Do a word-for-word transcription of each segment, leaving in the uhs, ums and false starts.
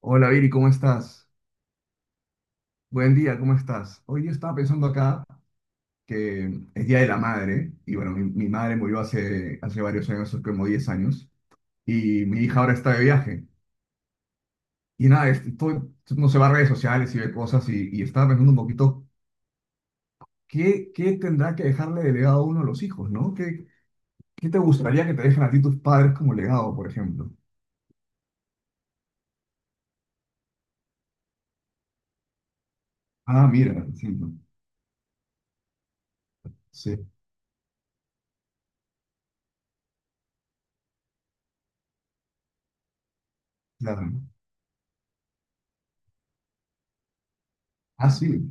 Hola Viri, ¿cómo estás? Buen día, ¿cómo estás? Hoy día estaba pensando acá que es Día de la Madre y bueno, mi, mi madre murió hace, hace varios años, hace como diez años, y mi hija ahora está de viaje. Y nada, es- estoy- no se va a redes sociales y ve cosas y, y estaba pensando un poquito qué, qué tendrá que dejarle de legado a uno de los hijos, ¿no? ¿Qué, qué te gustaría que te dejen a ti tus padres como legado, por ejemplo? Ah, mira, sí, no. Sí, claro. Ah, sí.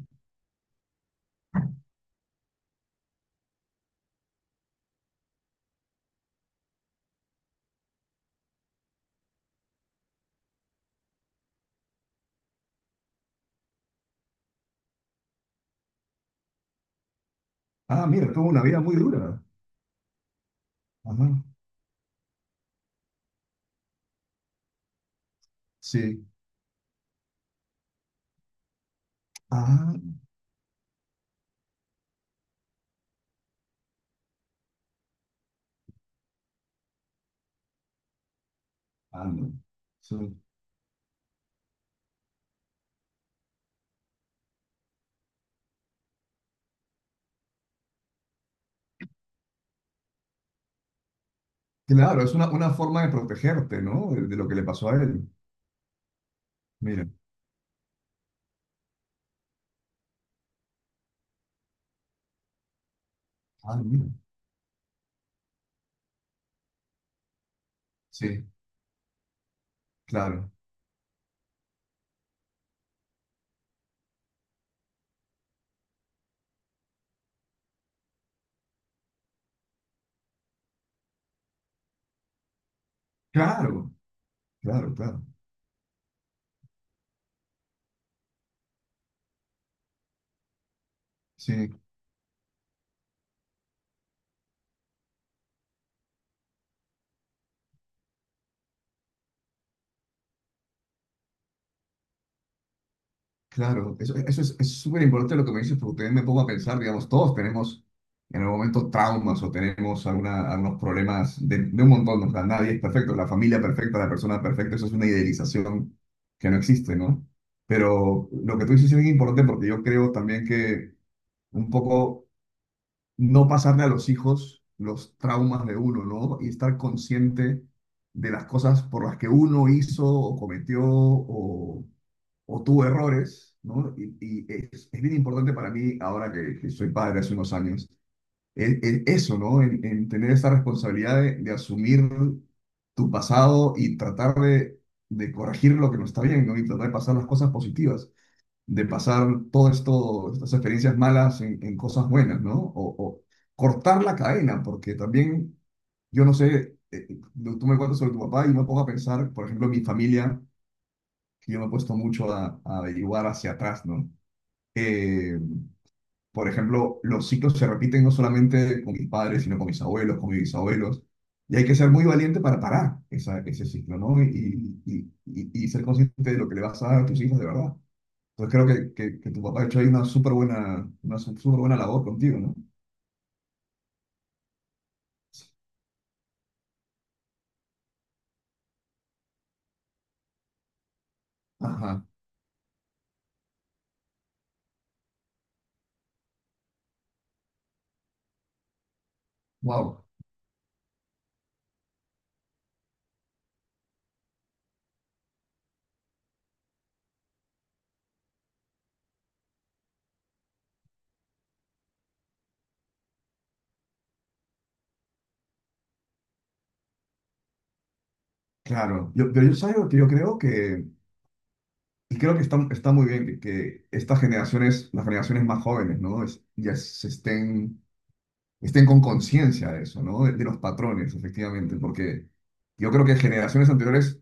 Ah, mira, tuvo una vida muy dura. Ajá, sí. Ah, ah, no. Sí. Claro, es una, una forma de protegerte, ¿no? De, de lo que le pasó a él. Mira. Ah, mira. Sí, claro. Claro, claro, claro. Sí, claro. Eso, eso es, es súper importante lo que me dices, porque también me pongo a pensar, digamos, todos tenemos en algún momento traumas o tenemos alguna, algunos problemas de, de un montón, ¿no? O sea, nadie es perfecto, la familia perfecta, la persona perfecta, eso es una idealización que no existe, ¿no? Pero lo que tú dices es bien importante porque yo creo también que un poco no pasarle a los hijos los traumas de uno, ¿no? Y estar consciente de las cosas por las que uno hizo o cometió o, o tuvo errores, ¿no? Y, y es, es bien importante para mí, ahora que, que soy padre hace unos años, el- el- eso, ¿no? En, en tener esa responsabilidad de, de asumir tu pasado y tratar de, de corregir lo que no está bien, ¿no? Y tratar de pasar las cosas positivas de pasar todas estas experiencias malas en, en cosas buenas, ¿no? O, o cortar la cadena, porque también, yo no sé, eh, eh, tú me cuentas sobre tu papá y me pongo a pensar, por ejemplo, en mi familia, que yo me he puesto mucho a, a averiguar hacia atrás, ¿no? Eh, por ejemplo, los ciclos se repiten no solamente con mis padres, sino con mis abuelos, con mis bisabuelos. Y hay que ser muy valiente para parar esa- ese ciclo, ¿no? y, y, y y ser consciente de lo que le vas a dar a tus hijos de verdad. Entonces creo que, que, que tu papá ha hecho ahí una súper buena, una su- súper buena labor contigo, ¿no? Ajá, wow, claro. Yo, pero yo sabes algo que yo creo que, y creo que está, está muy bien que, que estas generaciones, las generaciones más jóvenes, ¿no? Es- ya se estén, estén con conciencia de eso, ¿no? De, de los patrones, efectivamente, porque yo creo que generaciones anteriores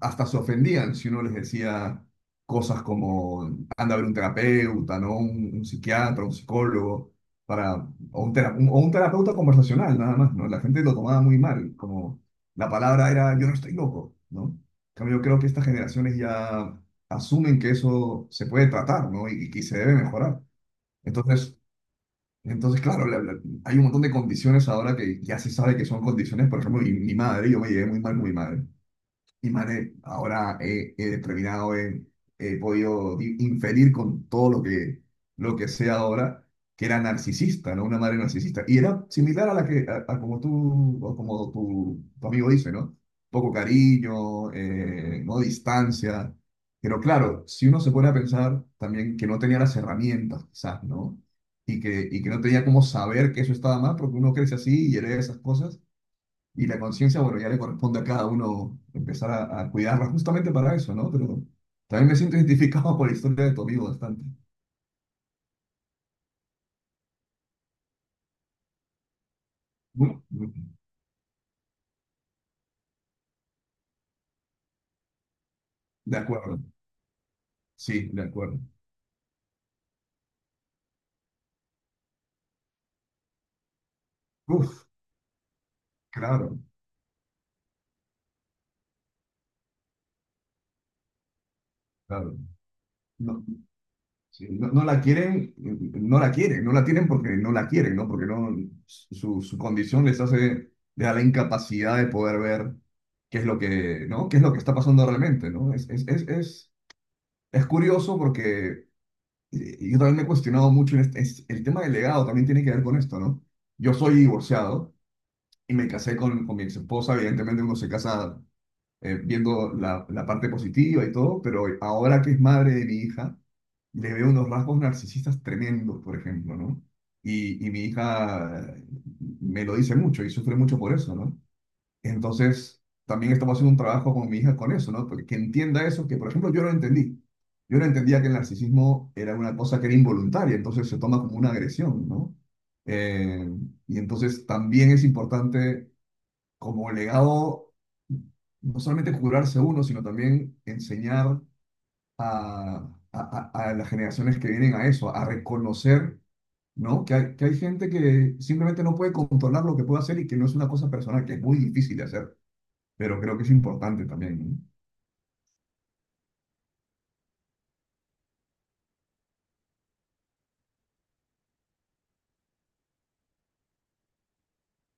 hasta se ofendían si uno les decía cosas como anda a ver un terapeuta, ¿no? Un, un psiquiatra, un psicólogo, para, o, un tera- un- o un terapeuta conversacional, nada más, ¿no? La gente lo tomaba muy mal, como la palabra era yo no estoy loco, ¿no? En cambio, yo creo que estas generaciones ya asumen que eso se puede tratar, ¿no? Y, y que se debe mejorar. Entonces, entonces claro, la- la- hay un montón de condiciones ahora que ya se sabe que son condiciones, por ejemplo, mi, mi madre, yo me llevé muy mal con mi madre y madre, ahora he, he determinado, he, he podido di- inferir con todo lo que, lo que sé ahora, que era narcisista, ¿no? Una madre narcisista. Y era similar a la que, a, a como tú, o como tu, tu amigo dice, ¿no? Poco cariño, eh, no distancia. Pero claro, si uno se pone a pensar también que no tenía las herramientas, quizás, ¿no? Y que, y que no tenía cómo saber que eso estaba mal, porque uno crece así y hereda esas cosas y la conciencia, bueno, ya le corresponde a cada uno empezar a, a cuidarla justamente para eso, ¿no? Pero también me siento identificado por la historia de tu amigo bastante. Uf, uf, de acuerdo, sí, de acuerdo. Uf, claro, claro. No, sí, no, no la quieren, no la quieren, no la tienen porque no la quieren, ¿no? Porque no, su, su condición les hace, les da la incapacidad de poder ver qué es lo que, ¿no? qué es lo que está pasando realmente, ¿no? Es, es, es, es, es curioso porque Y yo también me he cuestionado mucho en este- es- el tema del legado también tiene que ver con esto, ¿no? Yo soy divorciado y me casé con, con mi ex esposa, evidentemente uno se casa eh, viendo la, la parte positiva y todo, pero ahora que es madre de mi hija, le veo unos rasgos narcisistas tremendos, por ejemplo, ¿no? Y, y mi hija eh, me lo dice mucho y sufre mucho por eso, ¿no? Entonces, también estamos haciendo un trabajo con mi hija con eso, ¿no? Porque que entienda eso, que por ejemplo yo no entendí. Yo no entendía que el narcisismo era una cosa que era involuntaria, entonces se toma como una agresión, ¿no? Eh, y entonces también es importante como legado no solamente curarse uno, sino también enseñar a, a- a- a las generaciones que vienen a eso, a reconocer, ¿no? Que hay, que hay gente que simplemente no puede controlar lo que puede hacer y que no es una cosa personal, que es muy difícil de hacer pero creo que es importante también.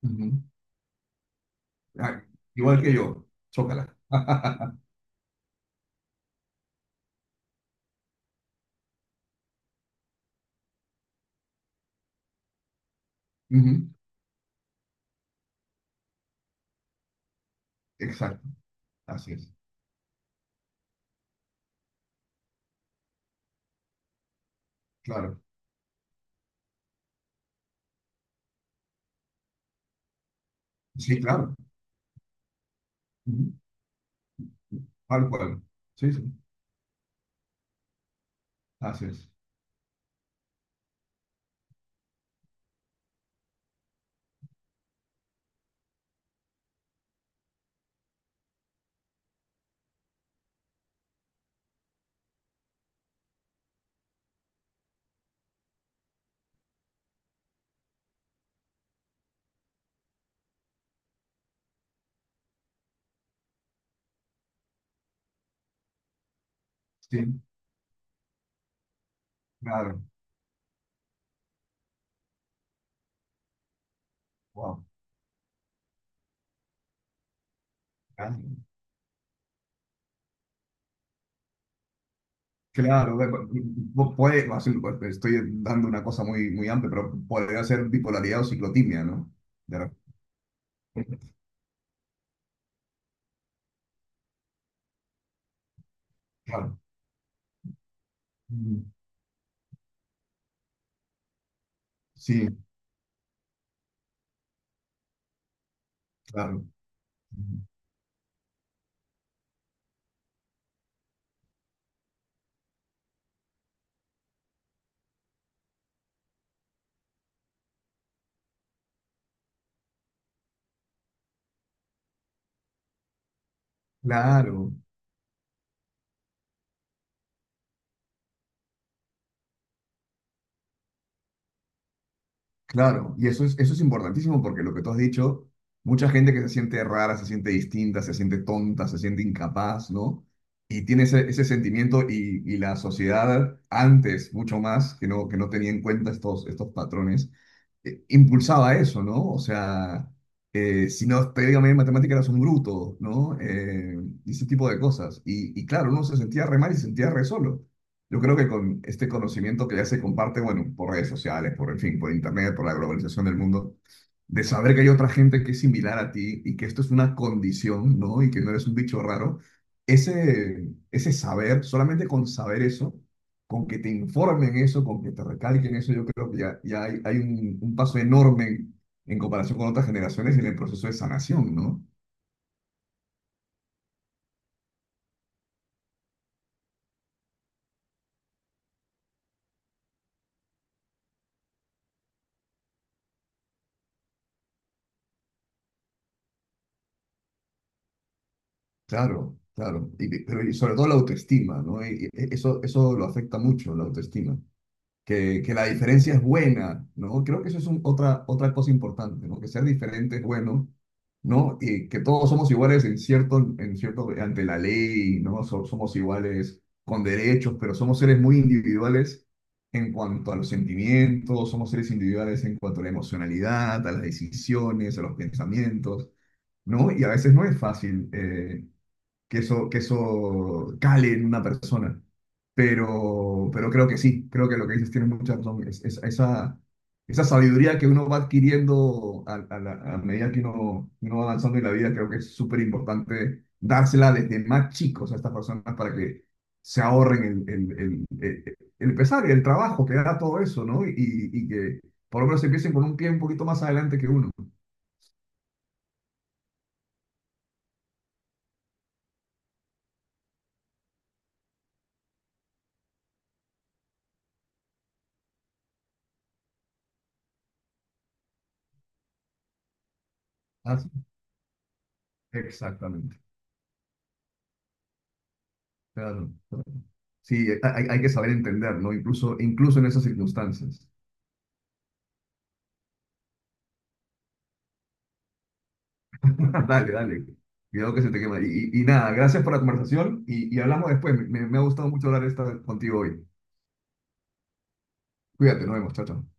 ¿No? Ujú, ¿no? Ah, igual que yo, chócala. Ujú. Exacto, así es, claro. Sí, claro, ujú, tal cual. Sí, sí, así es. Sí, claro, wow. Claro, claro, ve- pu- puede, así, pues, estoy dando una cosa muy, muy amplia, pero podría ser bipolaridad o ciclotimia, ¿no? De repente, claro. Ujú, sí, claro. Ujú, claro. Claro, y eso es, eso es importantísimo porque lo que tú has dicho, mucha gente que se siente rara, se siente distinta, se siente tonta, se siente incapaz, ¿no? Y tiene ese, ese sentimiento y, y la sociedad antes, mucho más, que no, que no tenía en cuenta estos, estos patrones, eh, impulsaba eso, ¿no? O sea, eh, si no, técnicamente en matemática eras un bruto, ¿no? Eh, y ese tipo de cosas. Y, y claro, uno se sentía re mal y se sentía re solo. Yo creo que con este conocimiento que ya se comparte, bueno, por redes sociales, por, en fin, por internet, por la globalización del mundo, de saber que hay otra gente que es similar a ti y que esto es una condición, ¿no? Y que no eres un bicho raro, ese, ese saber, solamente con saber eso, con que te informen eso, con que te recalquen eso, yo creo que ya, ya hay, hay un, un paso enorme en, en comparación con otras generaciones en el proceso de sanación, ¿no? Claro, claro. Y, pero, y sobre todo la autoestima, ¿no? Y- y eso, eso lo afecta mucho, la autoestima. que, que la diferencia es buena, ¿no? Creo que eso es un- otra, otra cosa importante, ¿no? Que ser diferente es bueno, ¿no? Y que todos somos iguales en cierto, en cierto, ante la ley, ¿no? So- somos iguales con derechos, pero somos seres muy individuales en cuanto a los sentimientos, somos seres individuales en cuanto a la emocionalidad, a las decisiones, a los pensamientos, ¿no? Y a veces no es fácil. Eh, que eso, que eso cale en una persona. Pero, pero creo que sí, creo que lo que dices tiene mucha razón. Es, es- esa, esa sabiduría que uno va adquiriendo a, a la- a medida que uno, uno va avanzando en la vida, creo que es súper importante dársela desde más chicos a estas personas para que se ahorren el, el, el, el- el pesar y el trabajo que da todo eso, ¿no? Y, y que por lo menos empiecen con un pie un poquito más adelante que uno. Así. Exactamente. Claro, claro. Sí, eh, hay, hay que saber entender, ¿no? Incluso, incluso en esas circunstancias. Dale, dale. Cuidado que se te quema. Y, y- y nada, gracias por la conversación y, y hablamos después. Me, me ha gustado mucho hablar esta contigo hoy. Cuídate, nos vemos, chao, chao.